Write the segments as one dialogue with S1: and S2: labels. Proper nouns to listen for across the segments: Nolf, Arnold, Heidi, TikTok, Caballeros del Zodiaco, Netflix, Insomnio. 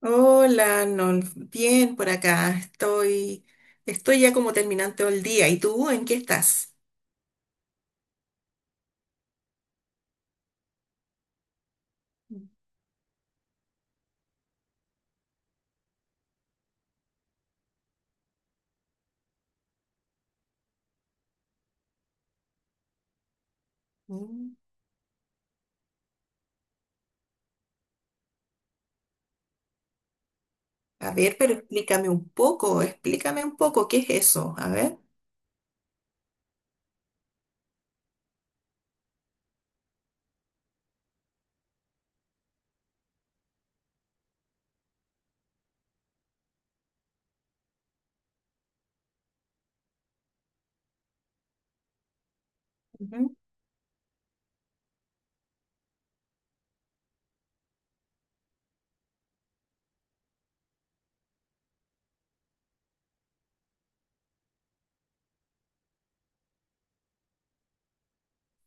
S1: Hola, Nolf. Bien por acá. Estoy ya como terminando el día. ¿Y tú en qué estás? Mm. A ver, pero explícame un poco qué es eso. A ver. Ujú.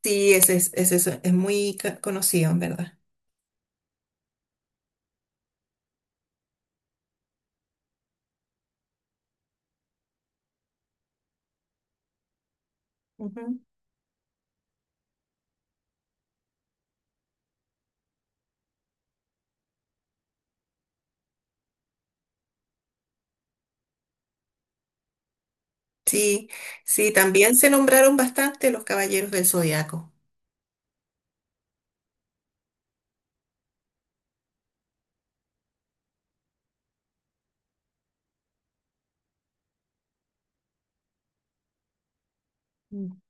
S1: Sí, ese es, es muy conocido, en verdad. Ujú. Sí, sí, también se nombraron bastante los Caballeros del Zodiaco. Mm.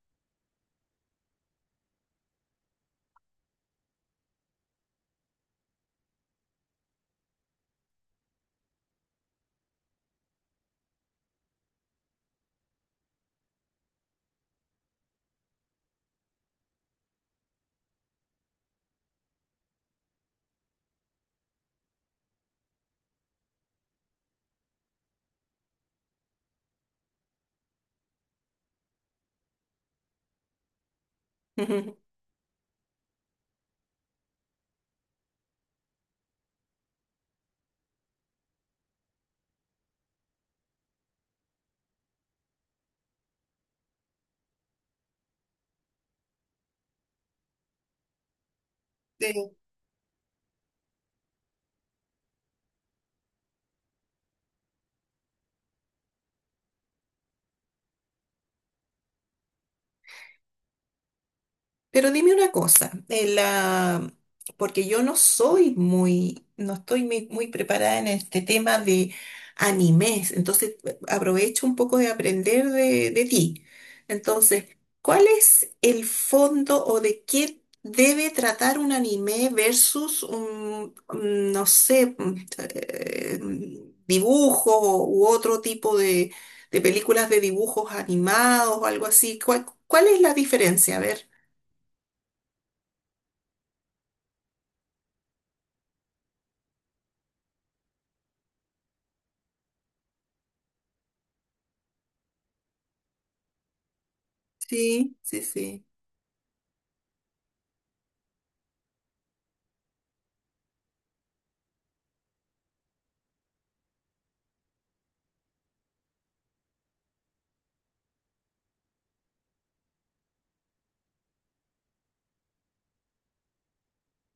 S1: Pero dime una cosa, porque yo no soy muy, no estoy muy, muy preparada en este tema de animes, entonces aprovecho un poco de aprender de ti. Entonces, ¿cuál es el fondo o de qué debe tratar un anime versus un, no sé, dibujo u otro tipo de películas de dibujos animados o algo así? ¿Cuál, cuál es la diferencia? A ver. Sí, sí, sí.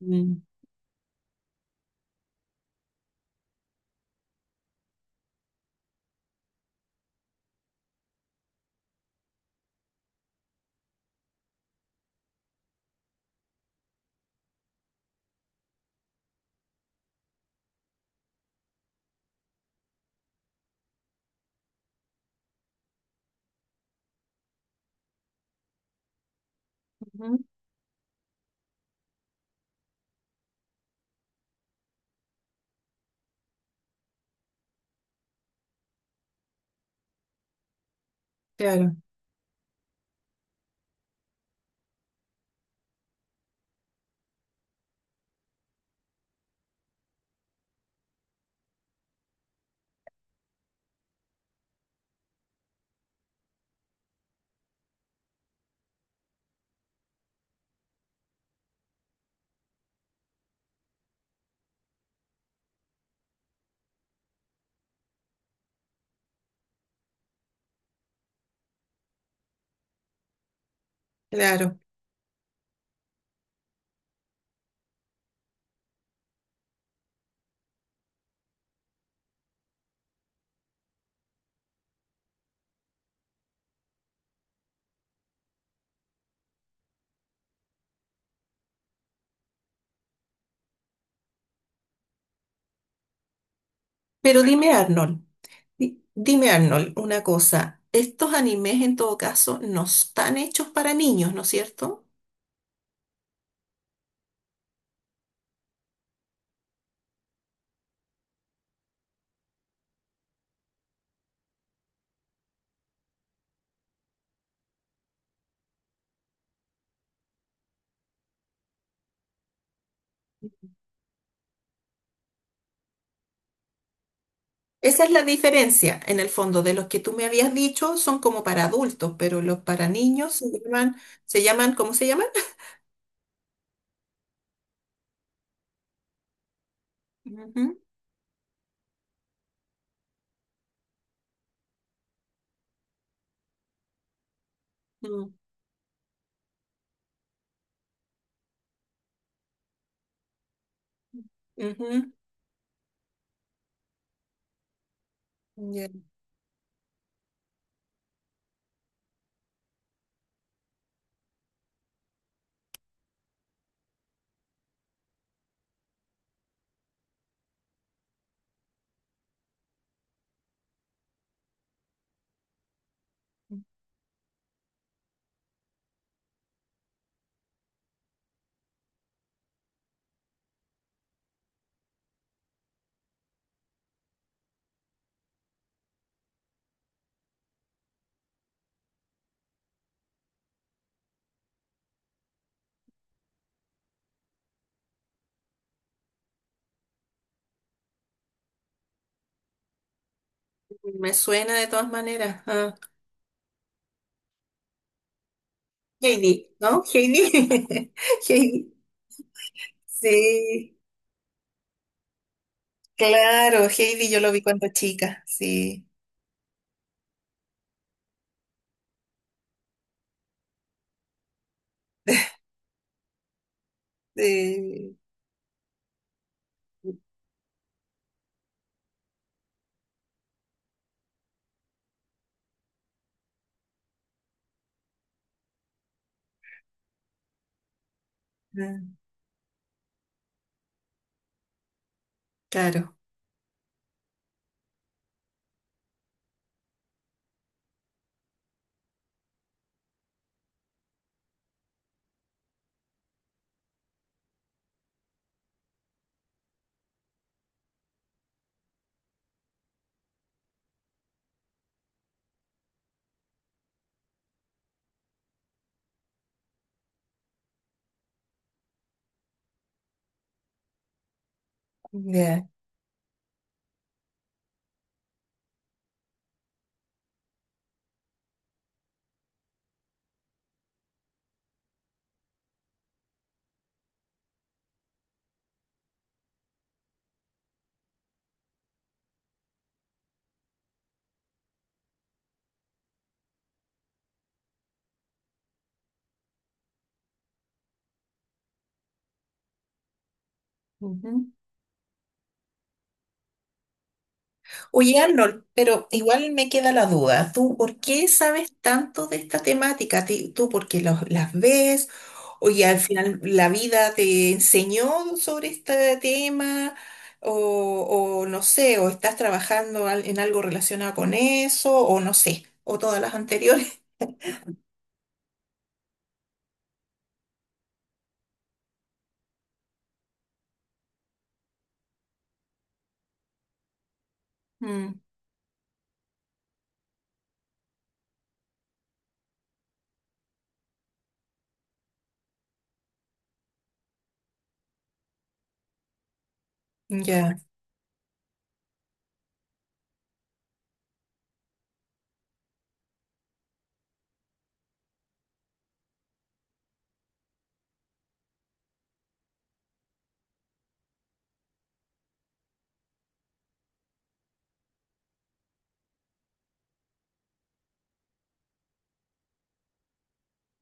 S1: Mm. Ujú. Claro, claro. Pero dime, Arnold, dime, Arnold, una cosa. Estos animes, en todo caso, no están hechos para niños, ¿no es cierto? Esa es la diferencia, en el fondo, de los que tú me habías dicho son como para adultos, pero los para niños se llaman, ¿cómo se llaman? Ujú, mm, ujú. Ya. Me suena de todas maneras. Heidi, ¿no? Heidi. Heidi. Sí, claro, Heidi yo lo vi cuando chica, sí. Eh, ah, claro, ya. Ujú. Oye, Arnold, pero igual me queda la duda. ¿Tú por qué sabes tanto de esta temática? ¿Tú porque las ves? Oye, al final la vida te enseñó sobre este tema, o, o no sé, o estás trabajando en algo relacionado con eso, o no sé, o todas las anteriores. Mm, ya,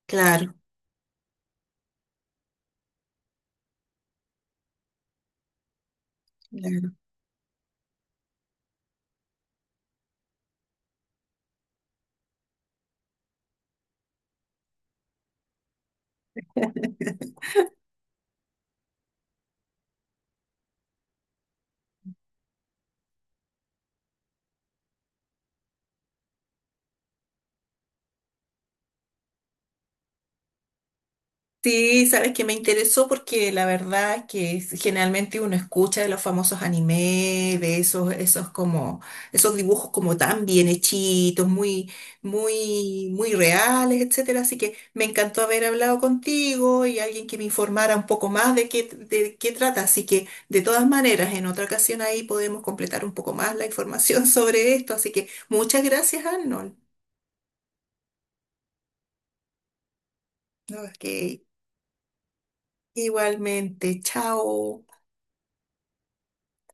S1: claro. Sí, sabes que me interesó porque la verdad es que generalmente uno escucha de los famosos anime, de esos, esos como, esos dibujos como tan bien hechitos, muy, muy, muy reales, etcétera. Así que me encantó haber hablado contigo y alguien que me informara un poco más de qué trata. Así que de todas maneras, en otra ocasión ahí podemos completar un poco más la información sobre esto. Así que muchas gracias, Arnold. No, es que igualmente, chao.